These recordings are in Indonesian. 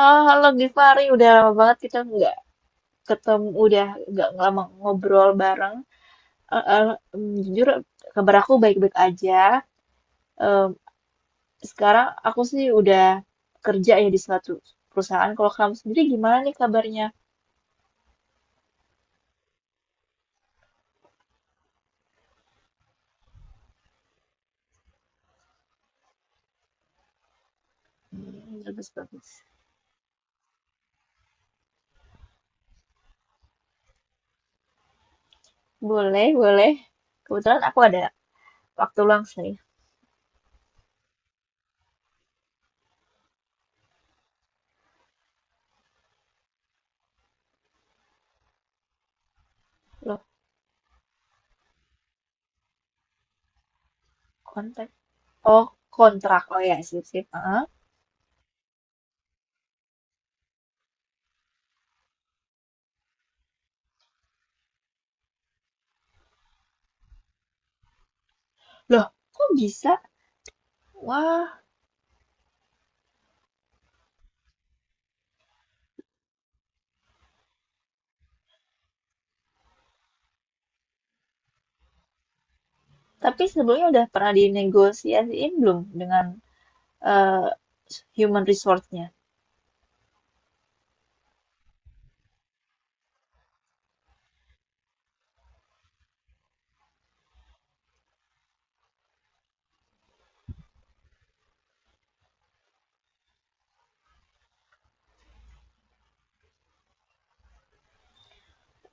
Eh, halo Givari, udah lama banget kita nggak ketemu, udah nggak lama ngobrol bareng. Eh, eh, jujur, kabar aku baik-baik aja. Em, sekarang aku sih udah kerja ya di suatu perusahaan. Kalau kamu sendiri gimana nih kabarnya? Hmm, bagus, bagus. Boleh, boleh. Kebetulan aku ada waktu luang sih. Loh, kontak. Oh, kontrak. Oh ya, sip, sip. Heeh. Loh, kok bisa? Wah, tapi sebelumnya udah pernah dinegosiasiin belum dengan eh, human resource-nya.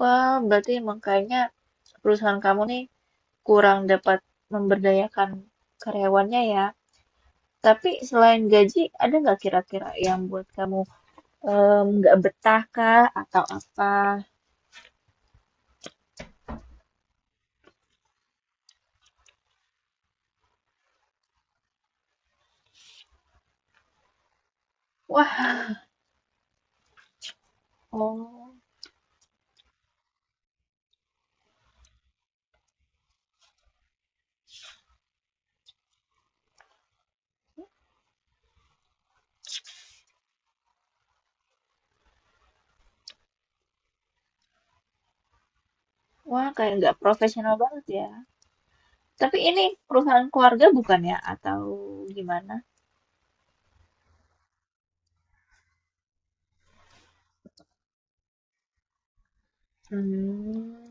Wah, berarti emang kayaknya perusahaan kamu nih kurang dapat memberdayakan karyawannya ya. Tapi selain gaji, ada nggak kira-kira yang buat kamu nggak betah kah atau apa? Wah, oh, wah kayak nggak profesional banget ya. Tapi ini perusahaan keluarga bukan ya atau gimana? Hmm,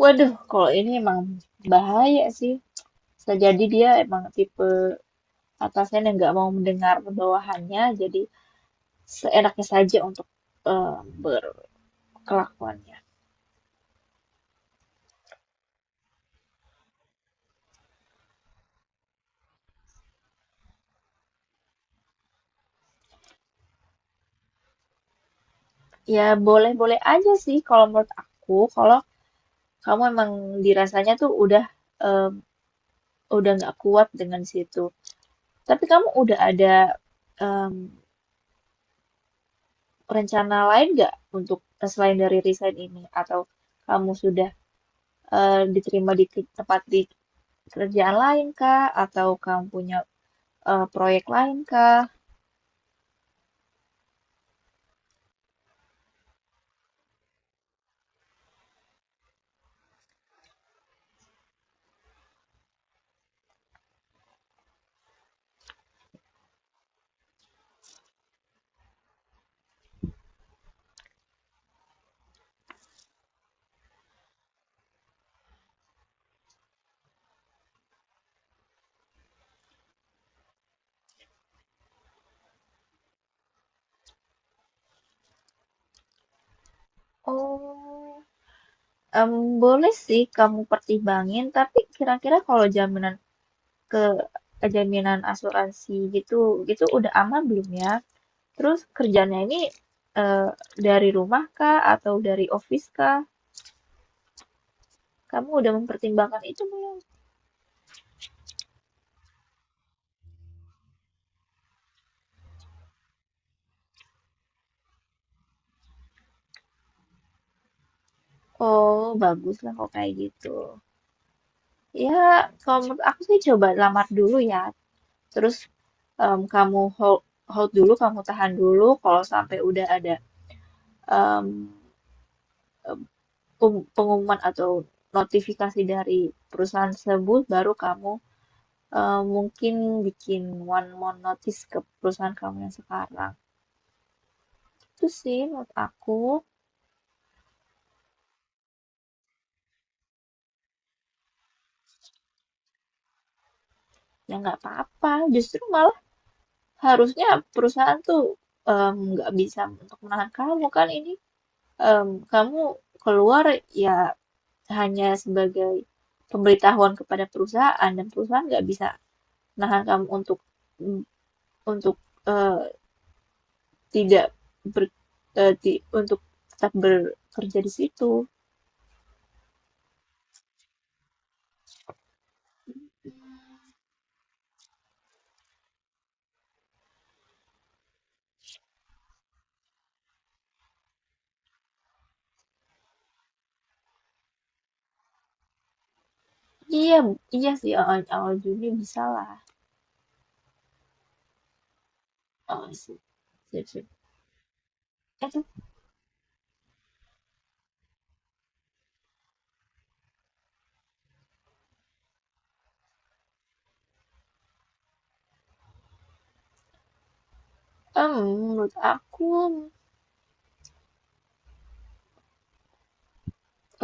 waduh, kalau ini emang bahaya sih. Bisa jadi dia emang tipe atasan yang nggak mau mendengar bawahannya, jadi seenaknya saja untuk eh, berkelakuannya. Ya boleh-boleh aja sih kalau menurut aku, kalau kamu emang dirasanya tuh udah em, udah nggak kuat dengan situ. Tapi kamu udah ada em, rencana lain nggak untuk eh, selain dari resign ini? Atau kamu sudah diterima di tempat di kerjaan lain kah? Atau kamu punya proyek lain kah? Oh. em boleh sih kamu pertimbangin, tapi kira-kira kalau jaminan ke jaminan asuransi gitu gitu udah aman belum ya? Terus kerjanya ini, eee, dari rumah kah atau dari office kah? Kamu udah mempertimbangkan itu belum? Oh, bagus lah kalau kayak gitu. Ya, kalau menurut aku sih coba lamar dulu ya, terus, mmm, kamu hold hold dulu, kamu tahan dulu, kalau sampai udah ada, mmm pengumuman atau notifikasi dari perusahaan tersebut, baru kamu mungkin bikin one more notice ke perusahaan kamu yang sekarang. Itu sih menurut aku, ya nggak apa-apa. Justru malah harusnya perusahaan tuh nggak bisa untuk menahan kamu kan ini em, kamu keluar ya hanya sebagai pemberitahuan kepada perusahaan dan perusahaan nggak bisa nahan kamu untuk eh, tidak ber, untuk tetap bekerja di situ. Iya, iya sih awal, awal Juni bisa lah. Oh, sip, sip, sip. Itu em, menurut aku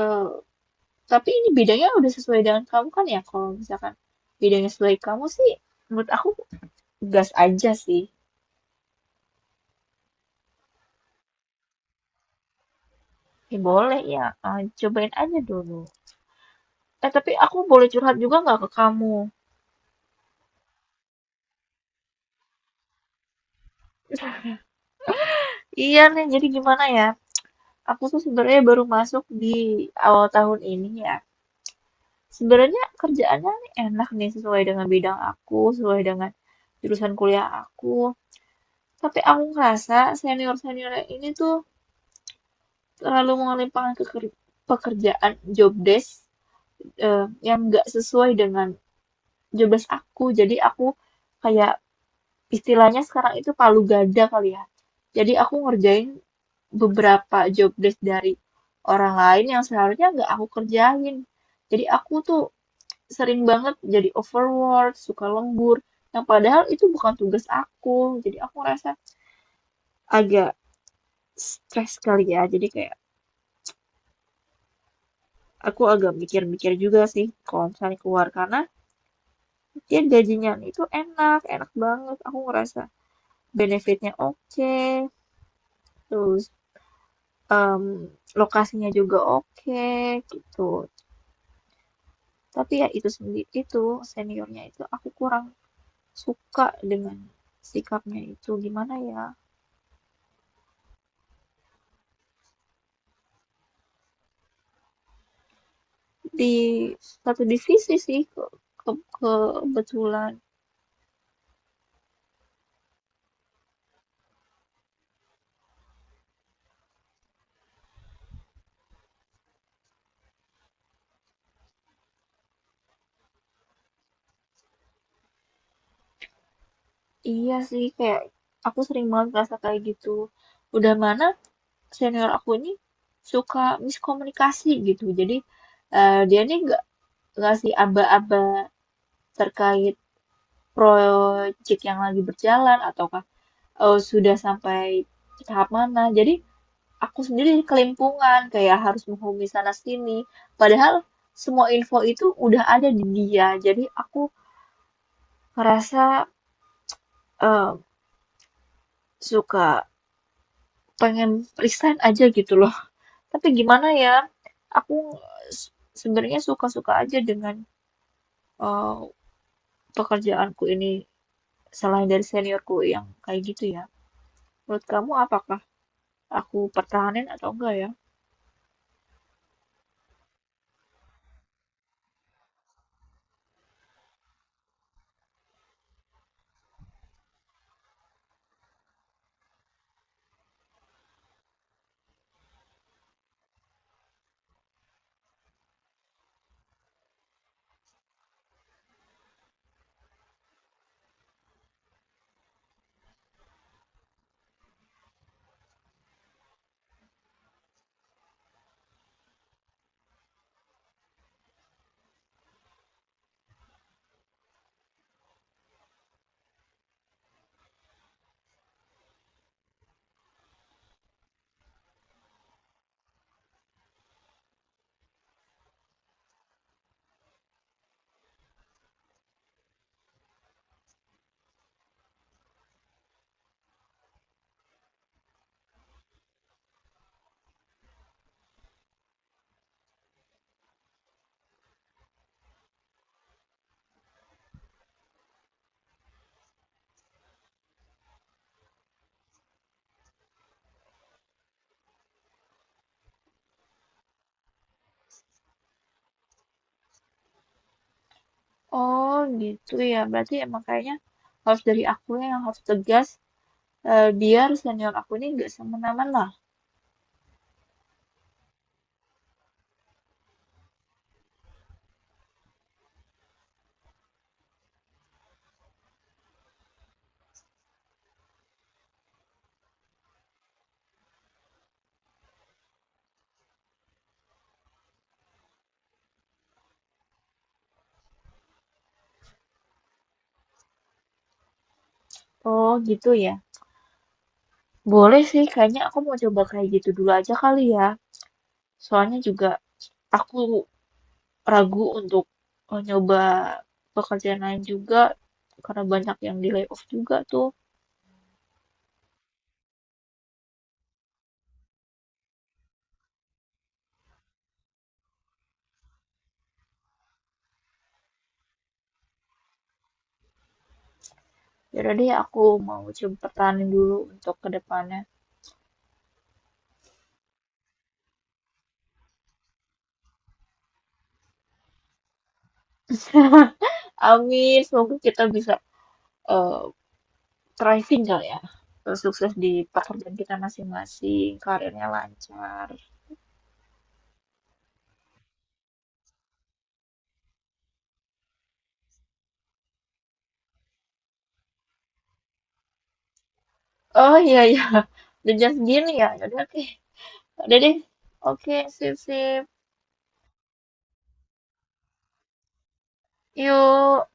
eh, tapi ini bidangnya udah sesuai dengan kamu kan ya? Kalau misalkan bidangnya sesuai kamu sih, menurut aku gas aja sih. Ya boleh ya, cobain aja dulu. Eh tapi aku boleh curhat juga nggak ke kamu? Iya nih, jadi gimana ya? Aku tuh sebenarnya baru masuk di awal tahun ini ya. Sebenarnya kerjaannya nih enak nih, sesuai dengan bidang aku, sesuai dengan jurusan kuliah aku. Tapi aku ngerasa senior-senior yang ini tuh terlalu mengelimpangkan ke pekerjaan job desk yang nggak sesuai dengan job desk aku. Jadi aku kayak istilahnya sekarang itu palu gada kali ya. Jadi aku ngerjain beberapa job desk dari orang lain yang seharusnya nggak aku kerjain. Jadi aku tuh sering banget jadi overwork, suka lembur. Yang padahal itu bukan tugas aku. Jadi aku ngerasa agak stres kali ya. Jadi kayak aku agak mikir-mikir juga sih kalau misalnya keluar karena dia gajinya itu enak, enak banget. Aku ngerasa benefitnya oke, terus em, lokasinya juga oke gitu. Tapi ya itu sendiri itu seniornya itu aku kurang suka dengan sikapnya itu gimana ya? Di satu divisi sih kebetulan. Iya sih kayak aku sering banget ngerasa kayak gitu. Udah mana senior aku ini suka miskomunikasi gitu. Jadi dia nih nggak ngasih aba-aba terkait proyek yang lagi berjalan ataukah sudah sampai tahap mana. Jadi aku sendiri kelimpungan kayak harus menghubungi sana sini. Padahal semua info itu udah ada di dia. Jadi aku ngerasa, eee, suka pengen resign aja gitu loh. Tapi gimana ya, aku se sebenarnya suka-suka aja dengan, eee, pekerjaanku ini selain dari seniorku yang kayak gitu ya. Menurut kamu apakah aku pertahanin atau enggak ya? Oh gitu ya, berarti emang kayaknya harus dari akunya yang harus tegas, biar senior aku ini nggak semena-mena. Oh gitu ya. Boleh sih kayaknya aku mau coba kayak gitu dulu aja kali ya. Soalnya juga aku ragu untuk nyoba pekerjaan lain juga karena banyak yang di layoff juga tuh. Ya udah deh, aku mau coba pertahanin dulu untuk kedepannya. Amin, semoga kita bisa eh, thriving kali ya. Eh, sukses di pekerjaan kita masing-masing, karirnya lancar. Oh iya iya, udah jam segini ya. Ya udah oke, udah deh. Oke, sip sip. Yuk.